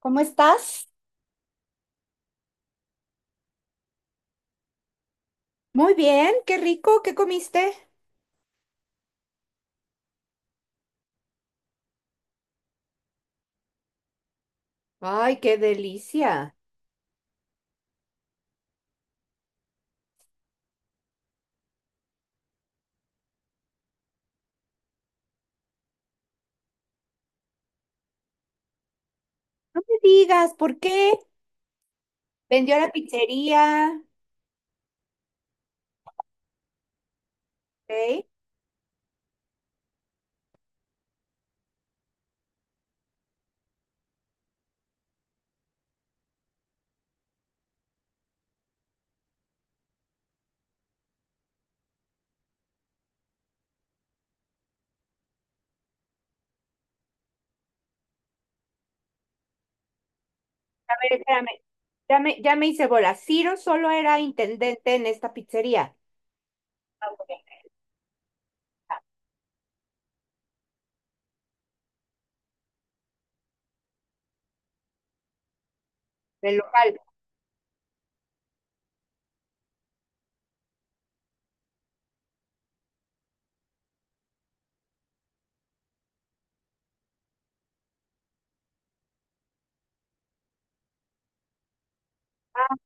¿Cómo estás? Muy bien, qué rico, ¿qué comiste? Ay, qué delicia. No me digas, ¿por qué? Vendió a la pizzería. Ok. A ver, espérame. Ya me hice bola. Ciro solo era intendente en esta pizzería. Ah, ok. Ah, del local.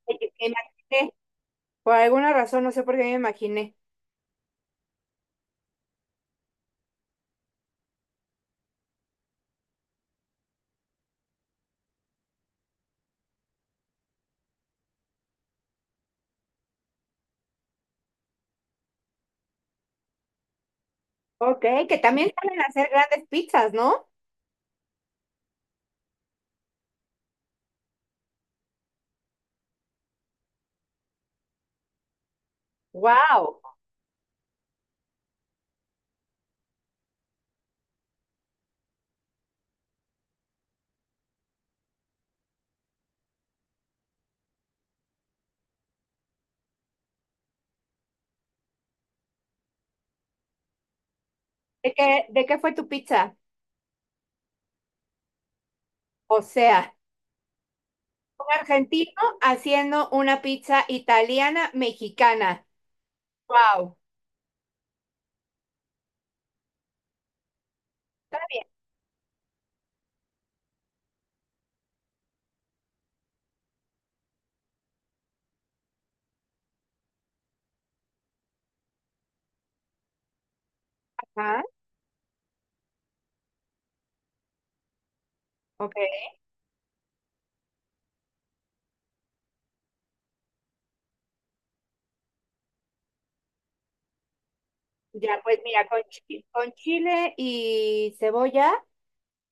Oye, me imaginé. Por alguna razón, no sé por qué me imaginé. Ok, que también saben hacer grandes pizzas, ¿no? Wow. ¿De qué fue tu pizza? O sea. Un argentino haciendo una pizza italiana mexicana. Wow, está bien. Ajá, ok. Ya, pues mira, con chile y cebolla,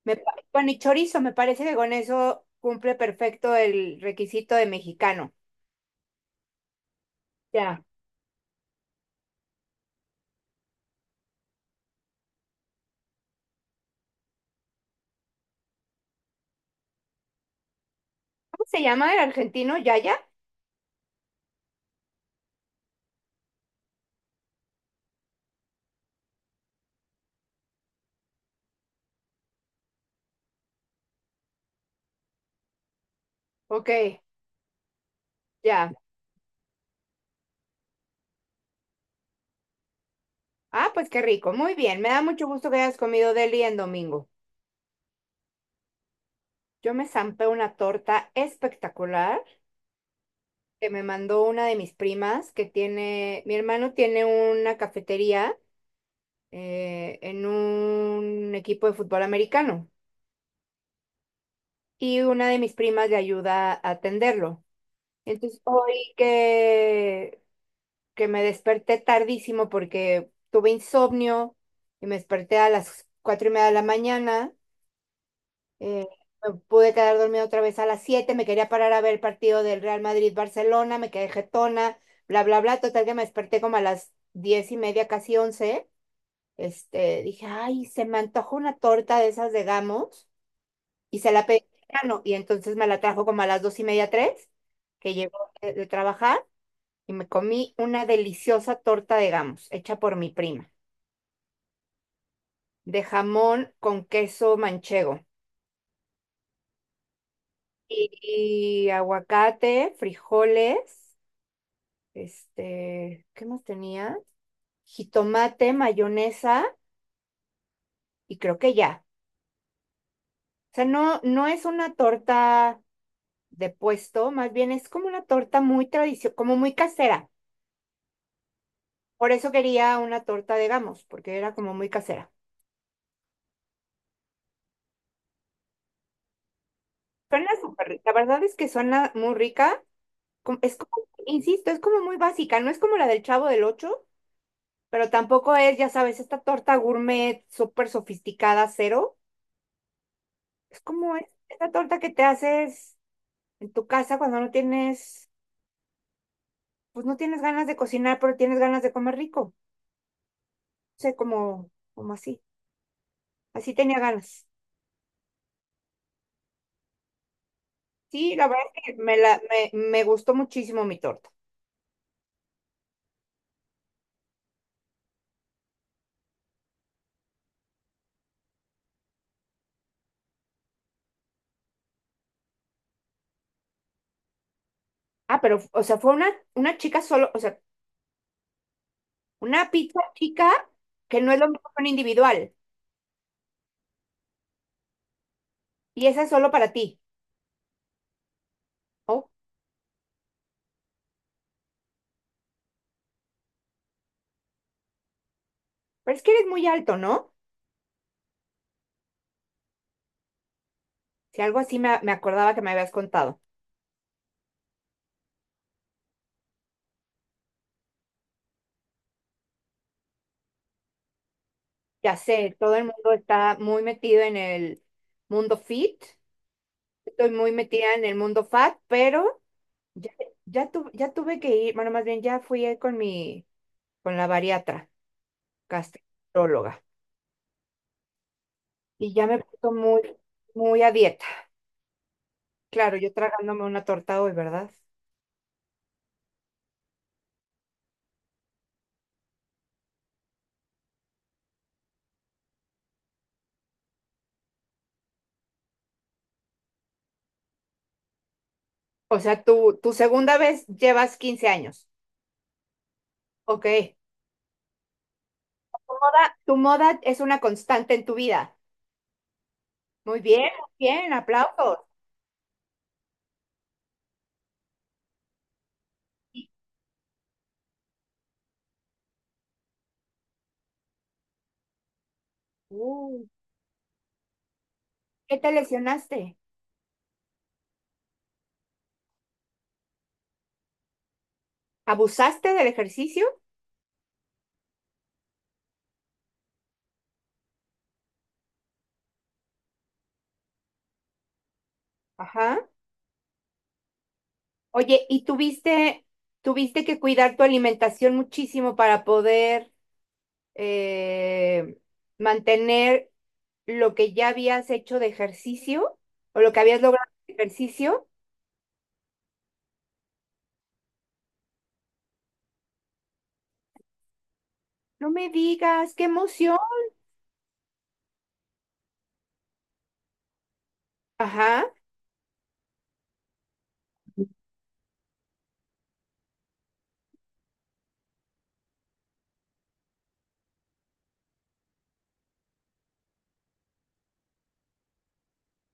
bueno, y chorizo, me parece que con eso cumple perfecto el requisito de mexicano. Ya. ¿Cómo se llama el argentino? ¿Yaya? Ok, ya. Ah, pues qué rico. Muy bien. Me da mucho gusto que hayas comido deli en domingo. Yo me zampé una torta espectacular que me mandó una de mis primas que tiene, mi hermano tiene una cafetería, en un equipo de fútbol americano, y una de mis primas le ayuda a atenderlo. Entonces, que me desperté tardísimo porque tuve insomnio y me desperté a las 4:30 de la mañana. Eh, Me pude quedar dormida otra vez, a las 7 me quería parar a ver el partido del Real Madrid-Barcelona, me quedé jetona, bla, bla, bla. Total que me desperté como a las 10:30, casi once. Este, dije, ay, se me antojó una torta de esas de Gamos y se la pedí al mexicano, y entonces me la trajo como a las 2:30, tres, que llegó de trabajar y me comí una deliciosa torta de Gamos hecha por mi prima, de jamón con queso manchego y y aguacate, frijoles. Este, ¿qué más tenía? Jitomate, mayonesa y creo que ya. O sea, no es una torta de puesto, más bien es como una torta muy tradicional, como muy casera. Por eso quería una torta de Gamos, porque era como muy casera. Suena súper rica, la verdad es que suena muy rica. Es como, insisto, es como muy básica, no es como la del Chavo del Ocho, pero tampoco es, ya sabes, esta torta gourmet súper sofisticada, cero. Es como esta torta que te haces en tu casa cuando no tienes, pues no tienes ganas de cocinar, pero tienes ganas de comer rico. O sea, como así. Así tenía ganas. Sí, la verdad es que me gustó muchísimo mi torta. Ah, pero, o sea, fue una chica solo, o sea, una pizza chica, que no es lo mismo que un individual. Y esa es solo para ti. Oh, pero es que eres muy alto, ¿no? Si algo así me acordaba que me habías contado. Ya sé, todo el mundo está muy metido en el mundo fit. Estoy muy metida en el mundo fat, pero… Ya, ya tuve que ir, bueno, más bien ya fui ahí con mi, con la bariatra, gastróloga, y ya me puso muy, muy a dieta. Claro, yo tragándome una torta hoy, ¿verdad? O sea, tu segunda vez llevas 15 años. Ok. Tu moda es una constante en tu vida. Muy bien, aplausos. Y- uh, ¿Qué te lesionaste? ¿Abusaste del ejercicio? Ajá. Oye, ¿tuviste que cuidar tu alimentación muchísimo para poder eh, mantener lo que ya habías hecho de ejercicio o lo que habías logrado de ejercicio? No me digas, qué emoción. Ajá.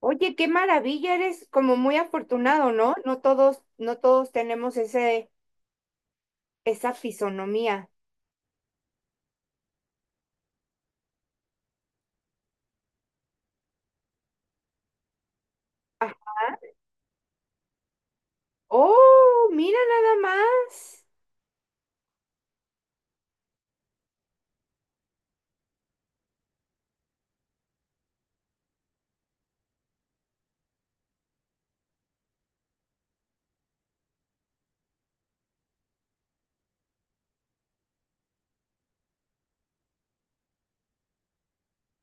Oye, qué maravilla, eres como muy afortunado, ¿no? No todos tenemos esa fisonomía. Ajá. Oh, mira nada más.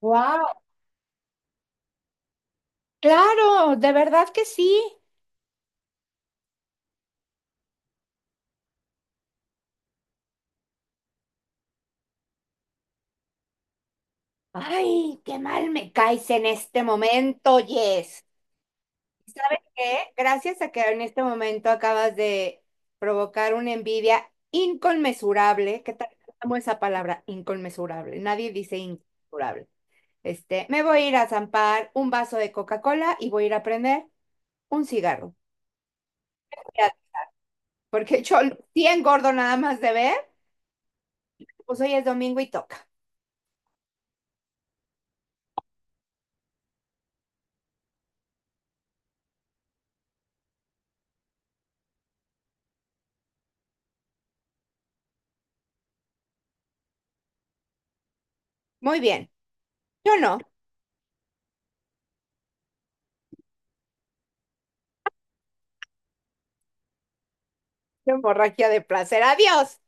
Wow, claro, de verdad que sí. Ay, qué mal me caes en este momento, Jess. Que gracias a que en este momento acabas de provocar una envidia inconmensurable, ¿qué tal? Amo esa palabra, inconmensurable. Nadie dice inconmensurable. Este, me voy a ir a zampar un vaso de Coca-Cola y voy a ir a prender un cigarro. Porque yo sí engordo nada más de ver, pues hoy es domingo y toca. Muy bien. Yo no. Yo Borraquia de placer. Adiós.